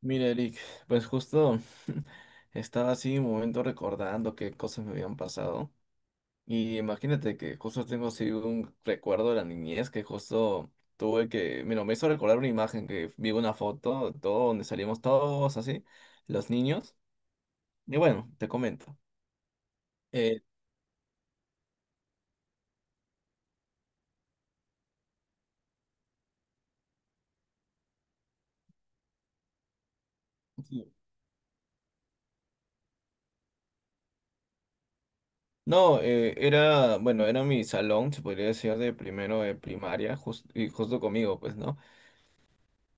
Mira, Eric, pues justo estaba así un momento recordando qué cosas me habían pasado. Y imagínate que justo tengo así un recuerdo de la niñez que justo tuve que, mira, me hizo recordar una imagen que vi una foto, todo donde salimos todos así, los niños. Y bueno, te comento. Eh, sí. No, era, bueno, era mi salón, se podría decir, de primero de primaria, y justo conmigo, pues, ¿no?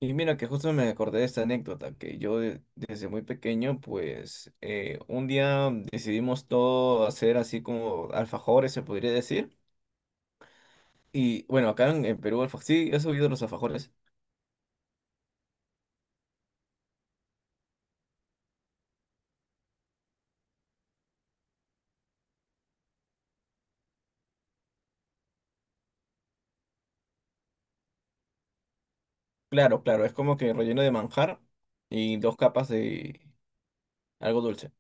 Y mira que justo me acordé de esta anécdota, que yo desde muy pequeño, pues un día decidimos todo hacer así como alfajores, se podría decir. Y bueno, acá en Perú, sí, ¿has oído los alfajores? Claro, claro, es como que relleno de manjar y dos capas de algo dulce.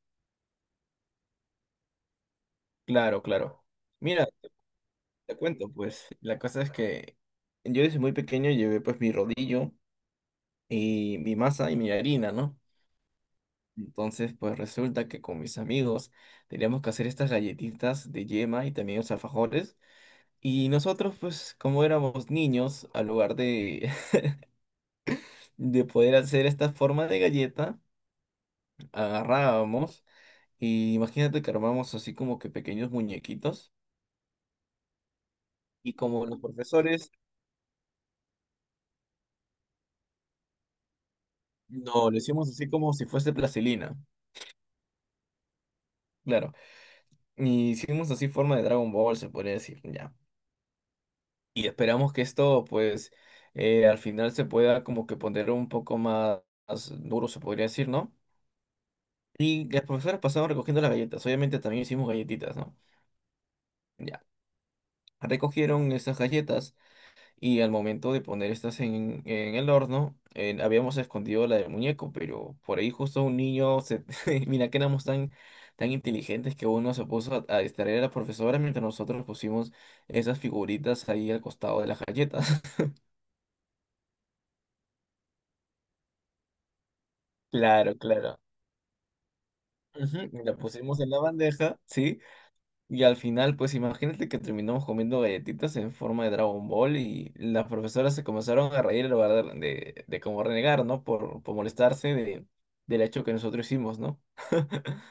Claro, claro. Mira, te cuento, pues la cosa es que yo desde muy pequeño llevé pues mi rodillo y mi masa y mi harina, ¿no? Entonces, pues resulta que con mis amigos teníamos que hacer estas galletitas de yema y también los alfajores. Y nosotros, pues como éramos niños, al lugar de, de poder hacer esta forma de galleta, agarrábamos y imagínate que armamos así como que pequeños muñequitos. Y como los profesores, no, lo hicimos así como si fuese plastilina. Claro. Y hicimos así forma de Dragon Ball, se podría decir, ya. Y esperamos que esto, pues, al final se pueda como que poner un poco más, más duro, se podría decir, ¿no? Y las profesoras pasaban recogiendo las galletas, obviamente también hicimos galletitas, ¿no? Ya, recogieron esas galletas y al momento de poner estas en el horno, habíamos escondido la del muñeco, pero por ahí justo un niño, se... mira que éramos tan, tan inteligentes que uno se puso a distraer a la profesora mientras nosotros pusimos esas figuritas ahí al costado de las galletas. Claro, claro. Ujú. La pusimos en la bandeja, ¿sí? Y al final, pues imagínate que terminamos comiendo galletitas en forma de Dragon Ball y las profesoras se comenzaron a reír en lugar de como renegar, ¿no? Por molestarse de, del hecho que nosotros hicimos, ¿no?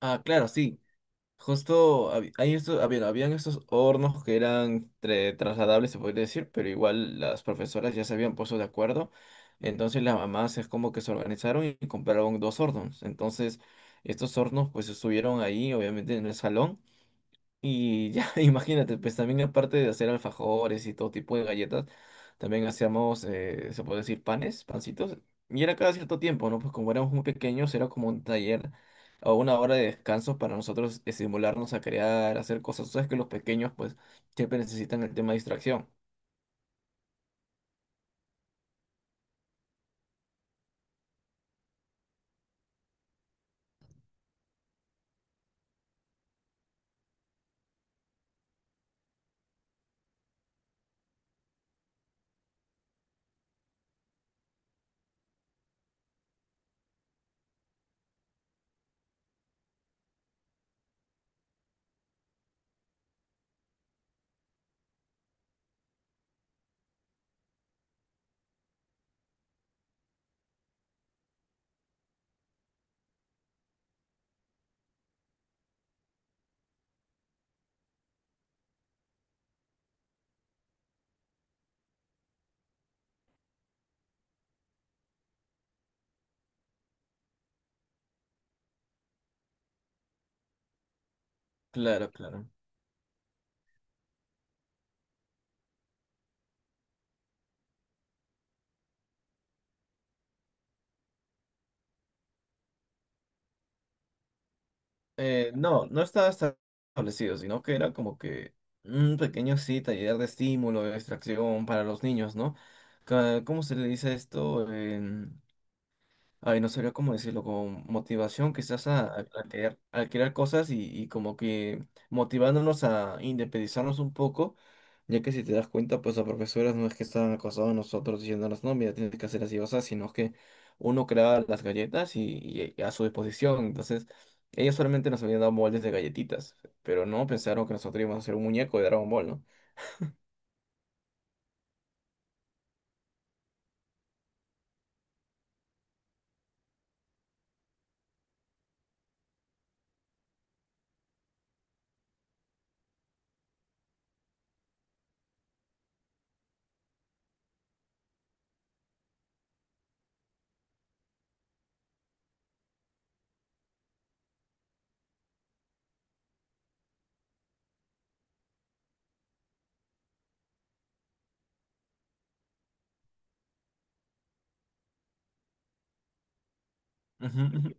Ah, claro, sí. Justo hay estos, ah, bien, habían estos hornos que eran trasladables, se podría decir, pero igual las profesoras ya se habían puesto de acuerdo. Entonces las mamás es como que se organizaron y compraron dos hornos. Entonces estos hornos pues estuvieron ahí, obviamente en el salón. Y ya, imagínate, pues también aparte de hacer alfajores y todo tipo de galletas, también hacíamos, se puede decir, panes, pancitos. Y era cada cierto tiempo, ¿no? Pues como éramos muy pequeños, era como un taller o una hora de descanso para nosotros estimularnos a crear, hacer cosas. Tú sabes que los pequeños, pues, siempre necesitan el tema de distracción. Claro, claro. No, no estaba establecido, sino que era como que un pequeño sí taller de estímulo, de distracción para los niños, ¿no? Ca- ¿Cómo se le dice esto? Ay, no sabría cómo decirlo, con motivación quizás a crear cosas y como que motivándonos a independizarnos un poco, ya que si te das cuenta, pues las profesoras no es que estaban acosados a nosotros diciéndonos, no, mira, tienes que hacer así o así, sino que uno creaba las galletas y a su disposición, entonces ellos solamente nos habían dado moldes de galletitas, pero no pensaron que nosotros íbamos a hacer un muñeco de Dragon Ball, ¿no? Ujú, ujú.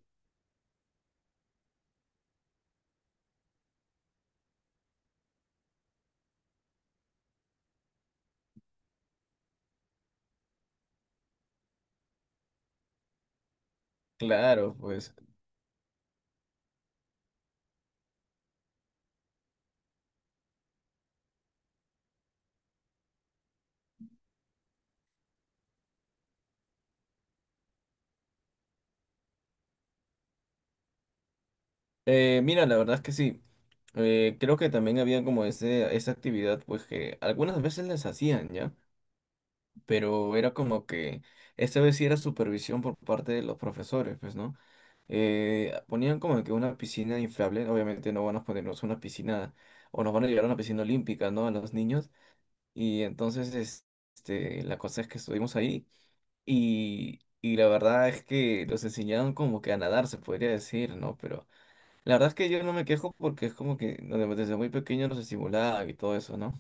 Claro, pues. Mira, la verdad es que sí. Creo que también había como ese, esa actividad, pues que algunas veces les hacían, ¿ya? Pero era como que esta vez sí era supervisión por parte de los profesores, pues, ¿no? Ponían como que una piscina inflable, obviamente no van a ponernos una piscina, o nos van a llevar a una piscina olímpica, ¿no? A los niños. Y entonces, este, la cosa es que estuvimos ahí y la verdad es que los enseñaron como que a nadar, se podría decir, ¿no? Pero la verdad es que yo no me quejo porque es como que no, desde muy pequeño nos estimulaba y todo eso, ¿no?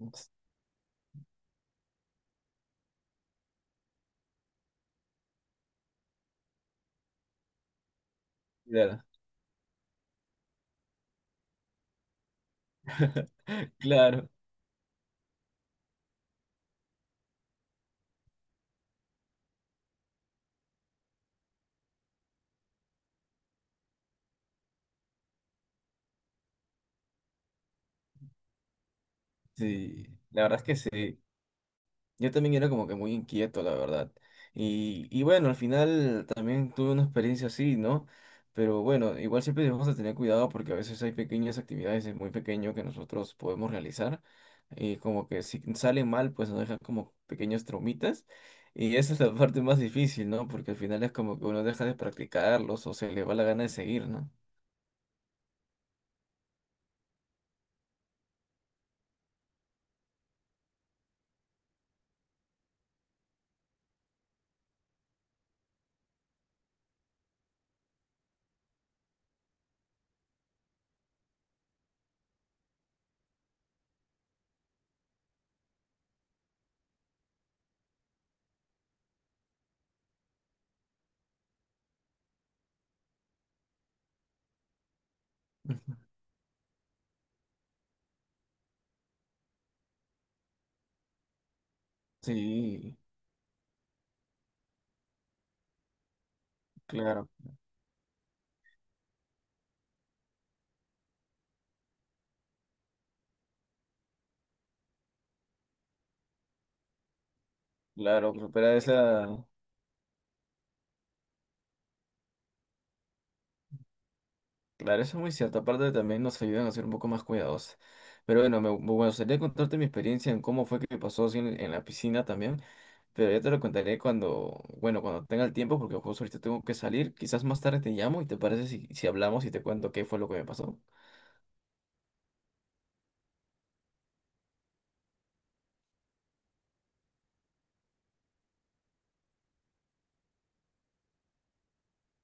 Entonces, claro, claro, sí. La verdad es que sí. Yo también era como que muy inquieto, la verdad. Y bueno, al final también tuve una experiencia así, ¿no? Pero bueno, igual siempre debemos de tener cuidado porque a veces hay pequeñas actividades de muy pequeño que nosotros podemos realizar. Y como que si sale mal, pues nos dejan como pequeños traumitas. Y esa es la parte más difícil, ¿no? Porque al final es como que uno deja de practicarlos o se le va la gana de seguir, ¿no? Ujú. Sí, claro, claro, supera esa. Claro, eso es muy cierto. Aparte también nos ayudan a ser un poco más cuidadosos. Pero bueno, me gustaría contarte mi experiencia en cómo fue que me pasó así en la piscina también. Pero ya te lo contaré cuando, bueno, cuando tenga el tiempo, porque justo ahorita tengo que salir. Quizás más tarde te llamo y te parece si, si hablamos y te cuento qué fue lo que me pasó.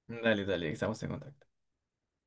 Dale, dale, estamos en contacto.